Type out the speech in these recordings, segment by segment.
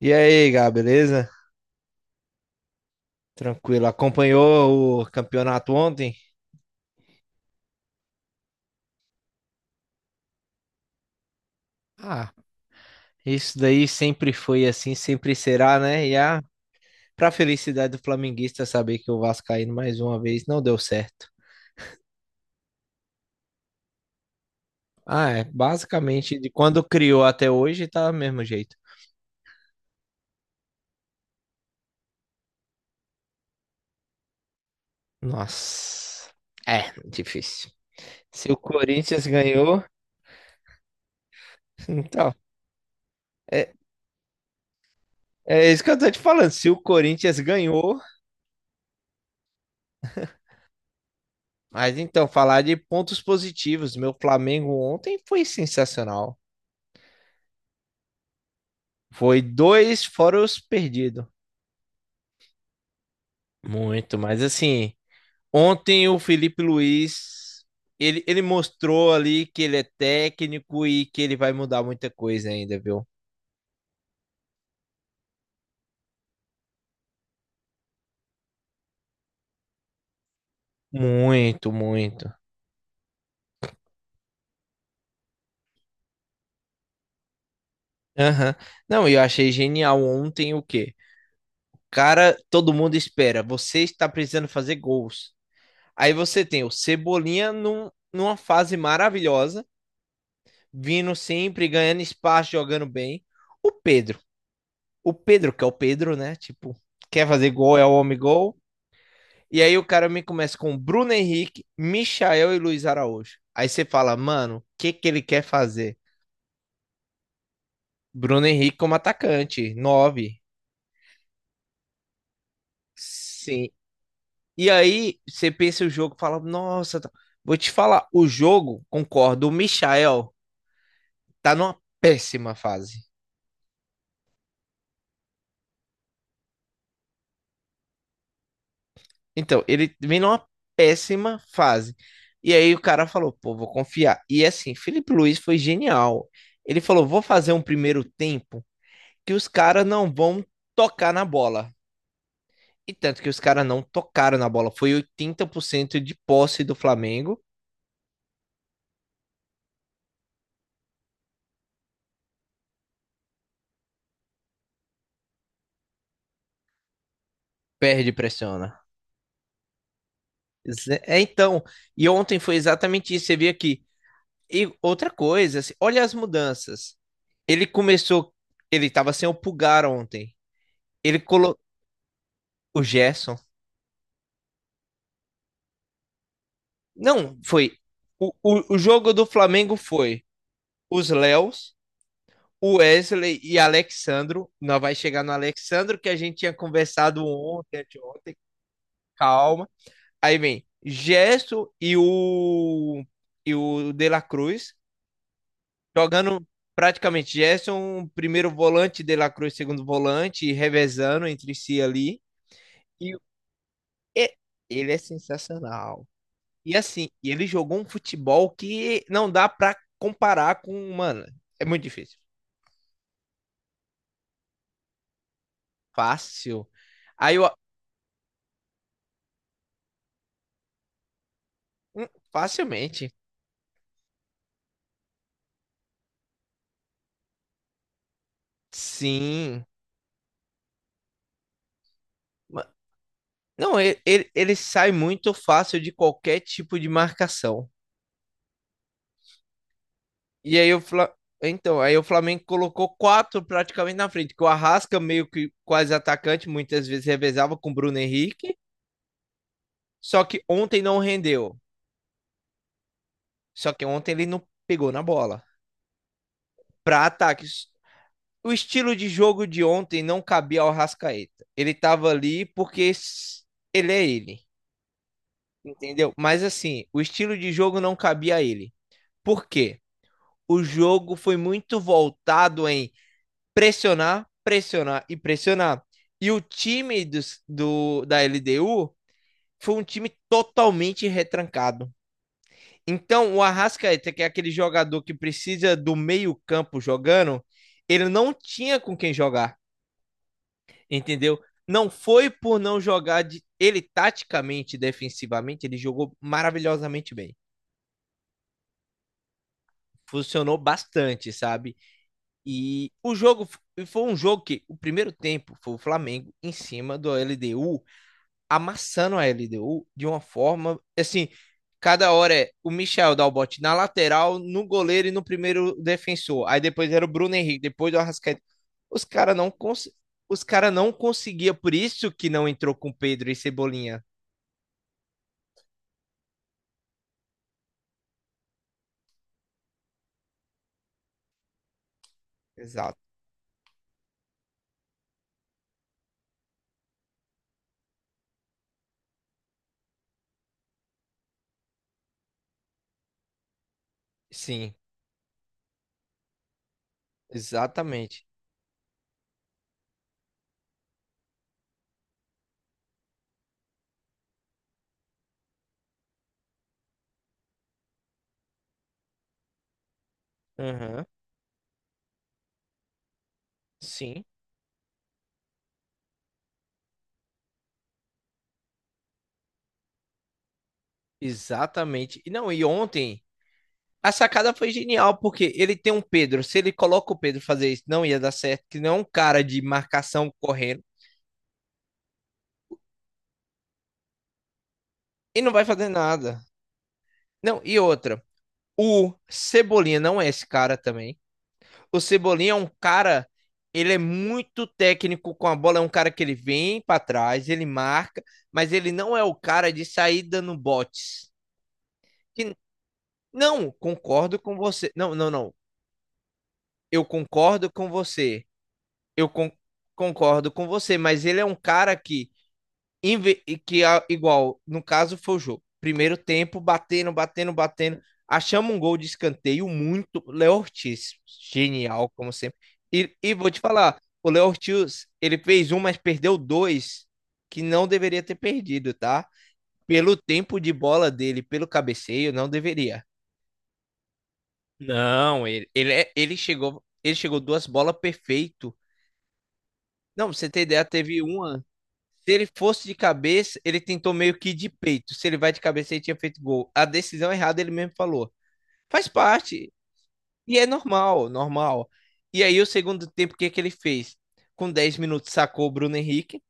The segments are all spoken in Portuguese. E aí, Gá, beleza? Tranquilo. Acompanhou o campeonato ontem? Ah, isso daí sempre foi assim, sempre será, né? E a pra felicidade do flamenguista saber que o Vascaíno mais uma vez não deu certo. Ah, é. Basicamente, de quando criou até hoje, tá do mesmo jeito. Nossa. É, difícil. Se o Corinthians ganhou, então. É, é isso que eu tô te falando. Se o Corinthians ganhou, mas então, falar de pontos positivos. Meu Flamengo ontem foi sensacional. Foi dois fora os perdidos. Muito, mas assim, ontem o Felipe Luiz, ele mostrou ali que ele é técnico e que ele vai mudar muita coisa ainda, viu? Muito, muito. Aham. Não, eu achei genial ontem o quê? Cara, todo mundo espera, você está precisando fazer gols. Aí você tem o Cebolinha numa fase maravilhosa, vindo sempre, ganhando espaço, jogando bem. O Pedro o Pedro, que é o Pedro, né? Tipo, quer fazer gol, é o homem gol. E aí o cara me começa com Bruno Henrique, Michael e Luiz Araújo. Aí você fala, mano, o que que ele quer fazer? Bruno Henrique como atacante, nove. Sim. E aí você pensa o jogo, fala, nossa, vou te falar, o jogo, concordo, o Michael tá numa péssima fase. Então, ele vem numa péssima fase. E aí o cara falou, pô, vou confiar. E assim, Felipe Luiz foi genial. Ele falou, vou fazer um primeiro tempo que os caras não vão tocar na bola. E tanto que os caras não tocaram na bola. Foi 80% de posse do Flamengo. Perde e pressiona. É, então, e ontem foi exatamente isso. Você vê aqui. E outra coisa, assim, olha as mudanças. Ele começou, ele tava sem o Pulgar ontem. Ele colocou o Gerson. Não, foi. O jogo do Flamengo foi os Léos, o Wesley e Alexandro. Nós vai chegar no Alexandro que a gente tinha conversado ontem, anteontem, calma. Aí vem Gesso e o De La Cruz jogando praticamente Gerson, primeiro volante, De La Cruz, segundo volante, revezando entre si ali. E é- ele é sensacional. E assim, e ele jogou um futebol que não dá pra comparar com, mano, é muito difícil. Fácil. Aí eu, hum, facilmente. Sim. Ma- Não, ele sai muito fácil de qualquer tipo de marcação. E aí o então, aí o Flamengo colocou quatro praticamente na frente, que o Arrasca meio que quase atacante, muitas vezes revezava com o Bruno Henrique, só que ontem não rendeu. Só que ontem ele não pegou na bola. Para ataques o estilo de jogo de ontem não cabia ao Rascaeta. Ele tava ali porque ele é ele, entendeu? Mas assim, o estilo de jogo não cabia a ele. Por quê? O jogo foi muito voltado em pressionar, pressionar e pressionar. E o time do da LDU foi um time totalmente retrancado. Então, o Arrascaeta, que é aquele jogador que precisa do meio-campo jogando, ele não tinha com quem jogar, entendeu? Não foi por não jogar de... ele taticamente, defensivamente, ele jogou maravilhosamente bem. Funcionou bastante, sabe? E o jogo foi um jogo que o primeiro tempo foi o Flamengo em cima do LDU, amassando a LDU de uma forma assim, cada hora é o Michel dá o bote na lateral, no goleiro e no primeiro defensor. Aí depois era o Bruno Henrique, depois o Arrascaeta. Os caras não os cara não conseguia, por isso que não entrou com Pedro e Cebolinha, exato. Sim, exatamente. Aham, sim, exatamente. E não, e ontem a sacada foi genial, porque ele tem um Pedro. Se ele coloca o Pedro fazer isso, não ia dar certo, que não é um cara de marcação correndo e não vai fazer nada. Não, e outra, o Cebolinha não é esse cara também. O Cebolinha é um cara, ele é muito técnico com a bola, é um cara que ele vem pra trás, ele marca, mas ele não é o cara de sair dando botes. Não, concordo com você. Não, não, não. Eu concordo com você. Eu con- concordo com você, mas ele é um cara que, e que igual, no caso foi o jogo. Primeiro tempo, batendo, batendo, batendo. Achamos um gol de escanteio muito. Léo Ortiz, genial, como sempre. E vou te falar, o Léo Ortiz, ele fez um, mas perdeu dois que não deveria ter perdido, tá? Pelo tempo de bola dele, pelo cabeceio, não deveria. Não, ele chegou duas bolas perfeito. Não, pra você ter ideia, teve uma. Se ele fosse de cabeça, ele tentou meio que de peito. Se ele vai de cabeça, ele tinha feito gol. A decisão errada, ele mesmo falou. Faz parte. E é normal, normal. E aí, o segundo tempo, o que que ele fez? Com 10 minutos, sacou o Bruno Henrique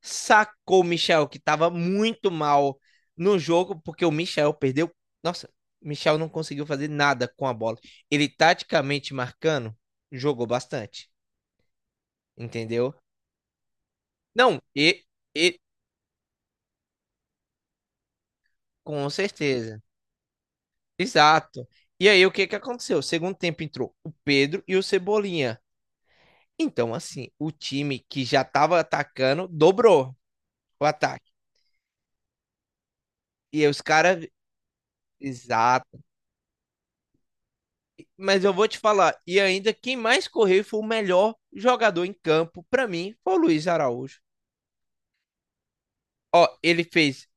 sacou o Michel, que estava muito mal no jogo, porque o Michel perdeu. Nossa, o Michel não conseguiu fazer nada com a bola. Ele taticamente marcando, jogou bastante, entendeu? Não, e com certeza. Exato. E aí, o que que aconteceu? Segundo tempo entrou o Pedro e o Cebolinha. Então, assim, o time que já estava atacando dobrou o ataque. E aí os caras. Exato. Mas eu vou te falar, e ainda quem mais correu foi o melhor jogador em campo, pra mim, foi o Luiz Araújo. Ó, ele fez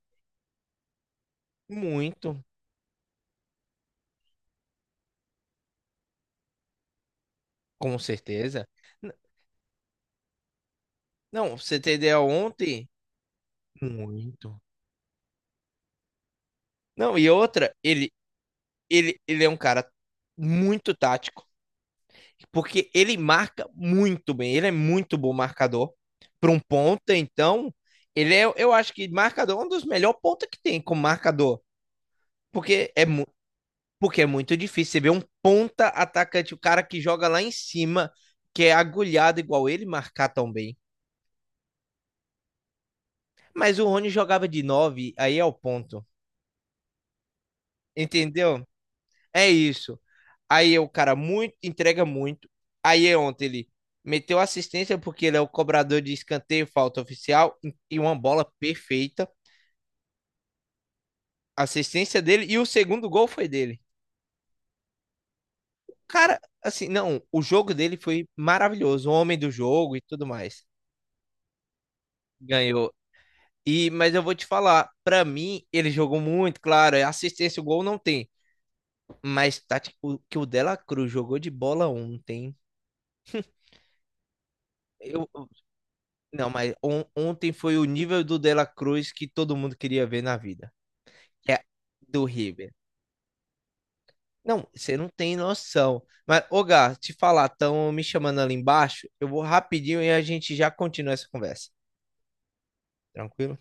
muito, com certeza. N- Não, você tem ontem? Muito. Não, e outra, ele é um cara muito tático, porque ele marca muito bem, ele é muito bom marcador. Para um ponta, então, ele é, eu acho que marcador é um dos melhores pontas que tem como marcador, porque porque é muito difícil. Você vê um ponta atacante, o cara que joga lá em cima, que é agulhado igual ele, marcar tão bem. Mas o Rony jogava de 9, aí é o ponto. Entendeu? É isso. Aí é o cara muito, entrega muito. Aí é ontem ele meteu assistência porque ele é o cobrador de escanteio, falta oficial e uma bola perfeita. Assistência dele e o segundo gol foi dele. Cara, assim, não, o jogo dele foi maravilhoso, o homem do jogo e tudo mais. Ganhou. E, mas eu vou te falar, pra mim, ele jogou muito, claro, é assistência, o gol não tem. Mas tá, tipo, o que o Dela Cruz jogou de bola ontem. Eu, não, mas ontem foi o nível do Dela Cruz que todo mundo queria ver na vida. Que é do River. Não, você não tem noção. Mas, ô Gá, te falar, estão me chamando ali embaixo. Eu vou rapidinho e a gente já continua essa conversa. Tranquilo?